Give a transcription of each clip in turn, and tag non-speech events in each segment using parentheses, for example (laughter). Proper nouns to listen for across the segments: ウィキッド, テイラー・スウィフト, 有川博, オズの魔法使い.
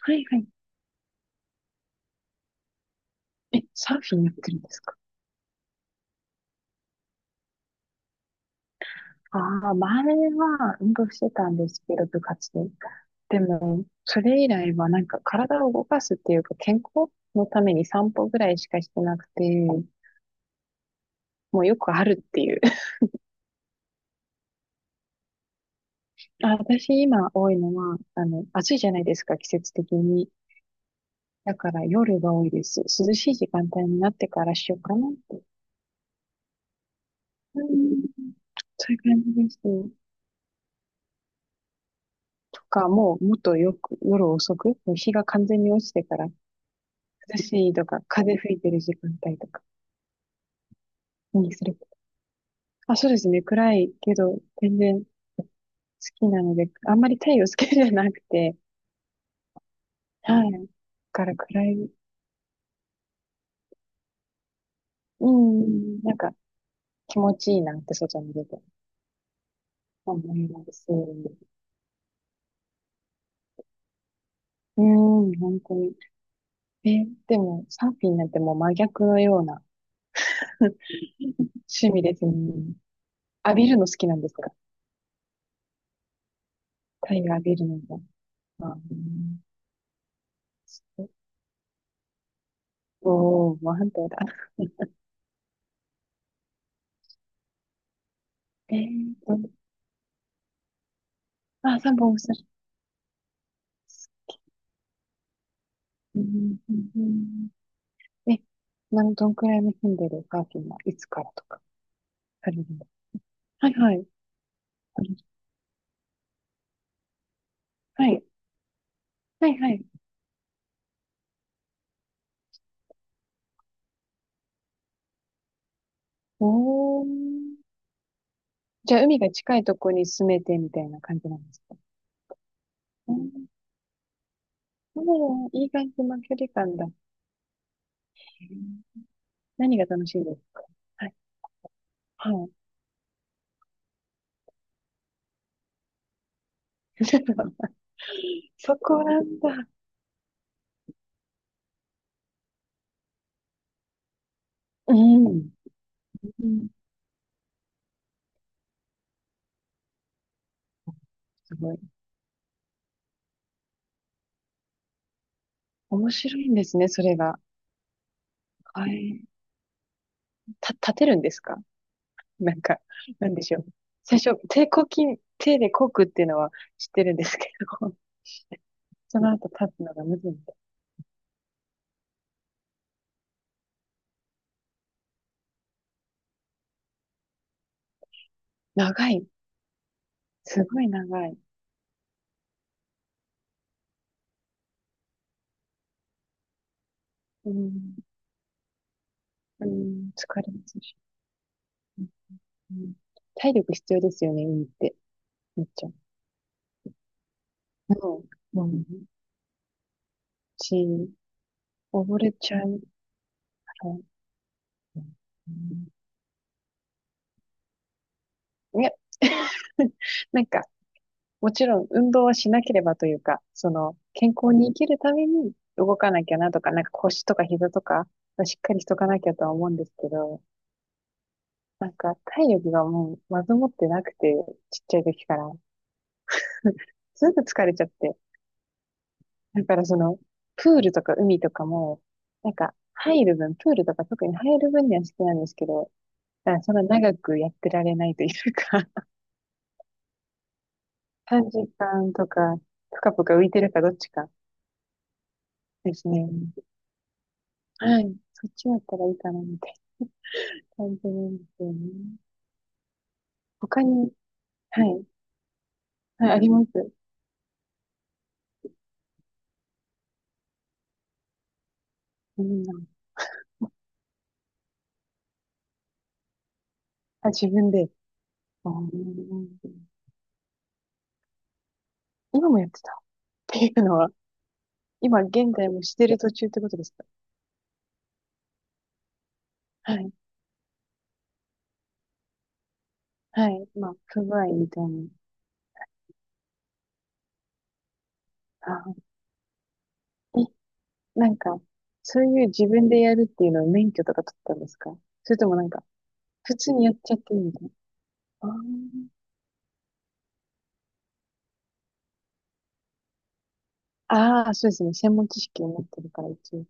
はいはい。え、サーフィンやってるんですか？ああ前は運動してたんですけど、部活で。でも、それ以来はなんか体を動かすっていうか、健康のために散歩ぐらいしかしてなくて、もうよくあるっていう。(laughs) あ、私今多いのは、暑いじゃないですか、季節的に。だから夜が多いです。涼しい時間帯になってからしようかなって。うん、そういう感じです。とか、もうもっとよく夜遅く、もう日が完全に落ちてから涼しいとか、風吹いてる時間帯とかにする。あ、そうですね。暗いけど、全然好きなので、あんまり太陽好きじゃなくて、はい。だから暗い、うん、なんか気持ちいいなって外に出て思います。うん、本当に。え、でも、サーフィンなんてもう真逆のような趣味ですね。浴びるの好きなんですか？太陽浴びるのが。あーうんおー、もう反対だ。えーと、あ、三本おる。うんうんうんうんえ、なん、どんくらいの頻度でサーフィンはいつからとかされるの？はいはい。はい。はいはい。おー。じゃあ、海が近いとこに住めてみたいな感じなんですか？うん。もう、いい感じの距離感だ。っけ何が楽しいですか？はい。はい。(laughs) そこなんだ。うん。うんすごい。面白いんですね、それが。はい。た、立てるんですか？ (laughs) なんか、なんでしょう。最初、手こき、手でこくっていうのは知ってるんですけど、(laughs) その後立つのがむずいみたい。長い。すごい長い。うん、うん、疲れますし。うん、体力必要ですよね、海って。めっちゃ。うん。うん。し、溺れちゃうから。うんいや、(laughs) なんか、もちろん運動はしなければというか、健康に生きるために動かなきゃなとか、なんか腰とか膝とかはしっかりしとかなきゃとは思うんですけど、なんか体力がもうまずもってなくて、ちっちゃい時から、すぐ疲れちゃって、だからその、プールとか海とかも、なんか入る分、プールとか特に入る分には好きなんですけど、だからそんな長くやってられないというか、(laughs) 短時間とか、ぷかぷか浮いてるかどっちかですね。はい。そっちだったらいいかな。本当なんですよね。他に、はい、はい、あります。うん、あ、自分で。うん、今もやってたっていうのは、今現在もしてる途中ってことですか？はい、はい、まあ、不具合みたいな。あ、え、なんか、そういう自分でやるっていうのは免許とか取ったんですか？それともなんか、普通にやっちゃってるみたいな。あーあー、そうですね。専門知識を持ってるから一応。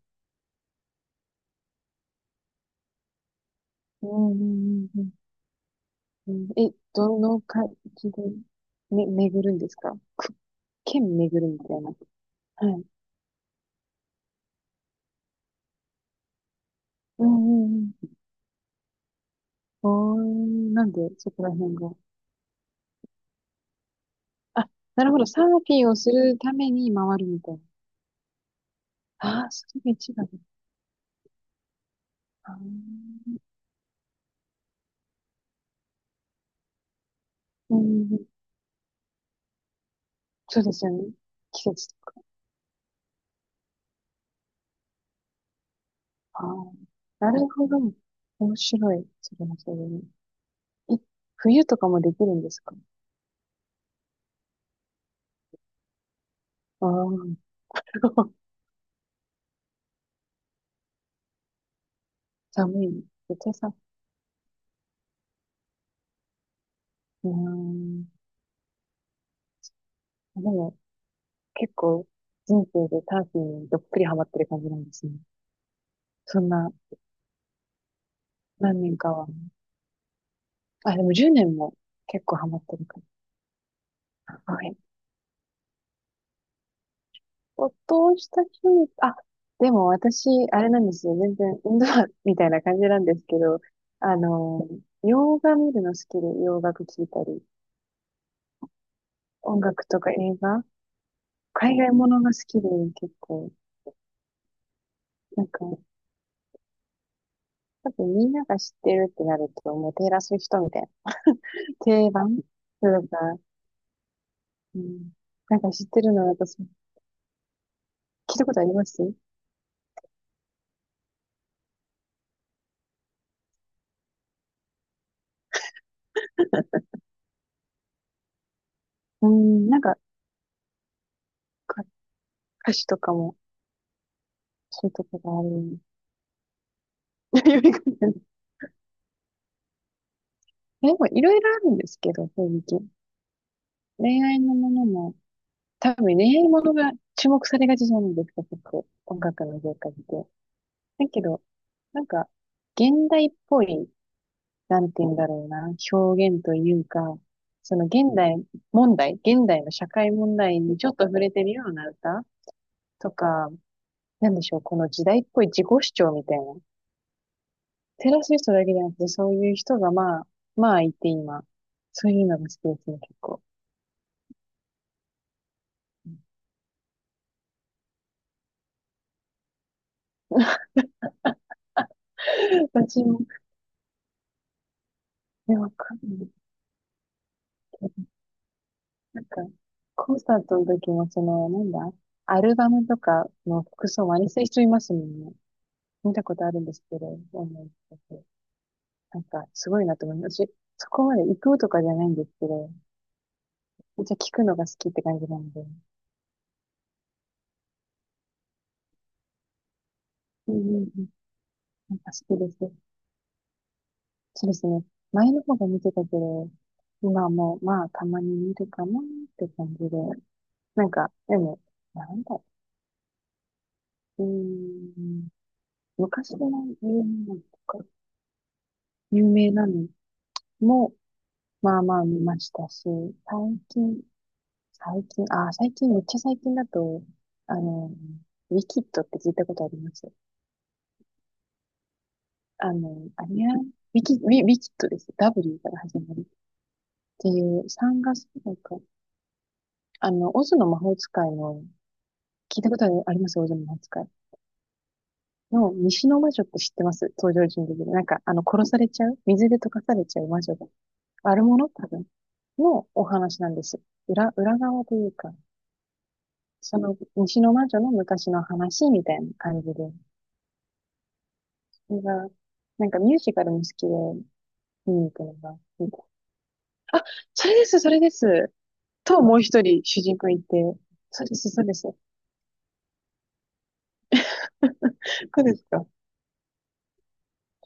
うん、うん、うん、うん。うんえ、どの感じで、め、巡るんですか？県巡るみたいな。はい。うんうんうん。おー、なんでそこら辺が。あ、なるほど。サーフィンをするために回るみたいな。ああ、それが一番。あーうんうんそうですよね。季節とか。あーなるほど。面白い。それもそれねえ、冬とかもできるんですか？ああー、(laughs) 寒い。絶対さ、うーん。でも、結構、人生でサーフィンにどっぷりハマってる感じなんですね。そんな、何年かは。あ、でも10年も結構ハマってるかな。はい。没頭した趣味、あ、でも私、あれなんですよ。全然、運動みたいな感じなんですけど、あの、洋画見るの好きで、洋楽聴いたり、音楽とか映画、海外ものが好きで、結構、なんか、多分みんなが知ってるってなると、もうテイラー・スウィフトみたいな、定番とか、うん、なんか知ってるの、私、聞いたことありますうん、なんか、か歌詞とかも、そういうとこがある。(laughs) よりかなでもいろいろあるんですけど、正直。恋愛のものも、多分恋愛ものが注目されがちじゃないですか、結構。音楽の業界って。だけど、なんか、現代っぽい、なんて言うんだろうな、表現というか、その現代問題、現代の社会問題にちょっと触れてるような歌とか、なんでしょう、この時代っぽい自己主張みたいな。テラス人だけじゃなくて、そういう人がまあ、まあいて今、そういうのが好きですね、結構。(laughs) 私も、でもわかんないけど、なんか、コンサートの時も、なんだ、アルバムとかの服装真似する人いますもんね。見たことあるんですけど、オンラインとかでなんか、すごいなと思います。私、そこまで行くとかじゃないんですけど、めっちゃ聞くのが好きって感じなんで。うんうんうん。なんか好きです。そうですね。前の方が見てたけど、今はもう、まあ、たまに見るかなって感じで。なんか、でも、なんだ、うーん。昔の有名なのとか、有名なのも、まあまあ見ましたし、最近、最近、あー、最近、めっちゃ最近だと、あの、ウィキッドって聞いたことありますあの、あれや、ウィキ、ウィ、ウィキッドです。W から始まる。っていう3月ぐらいか。オズの魔法使いの、聞いたことありますオズの魔法使い。の、西の魔女って知ってます登場人物で。なんか、殺されちゃう水で溶かされちゃう魔女が。悪者多分。のお話なんです。裏、裏側というか、その西の魔女の昔の話みたいな感じで。それが、なんかミュージカルも好きで見に行くのがいい。あ、それです、それです。と、もう一人主人公いて。そうです、そうです。そうですか。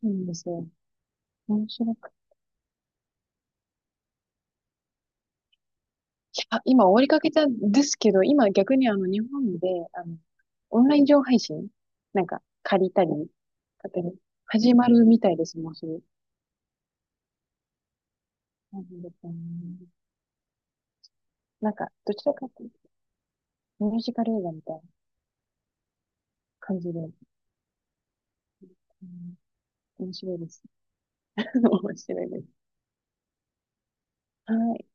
そうなんですよ。面白く。あ、今終わりかけたんですけど、今逆にあの日本で、あの、オンライン上配信なんか借りたり、勝手に始まるみたいです、もうすぐ。なんでかななんか、どちらかとミュージカル映画みたいな感じで、うん面白いです。(laughs) 面白いです。はい。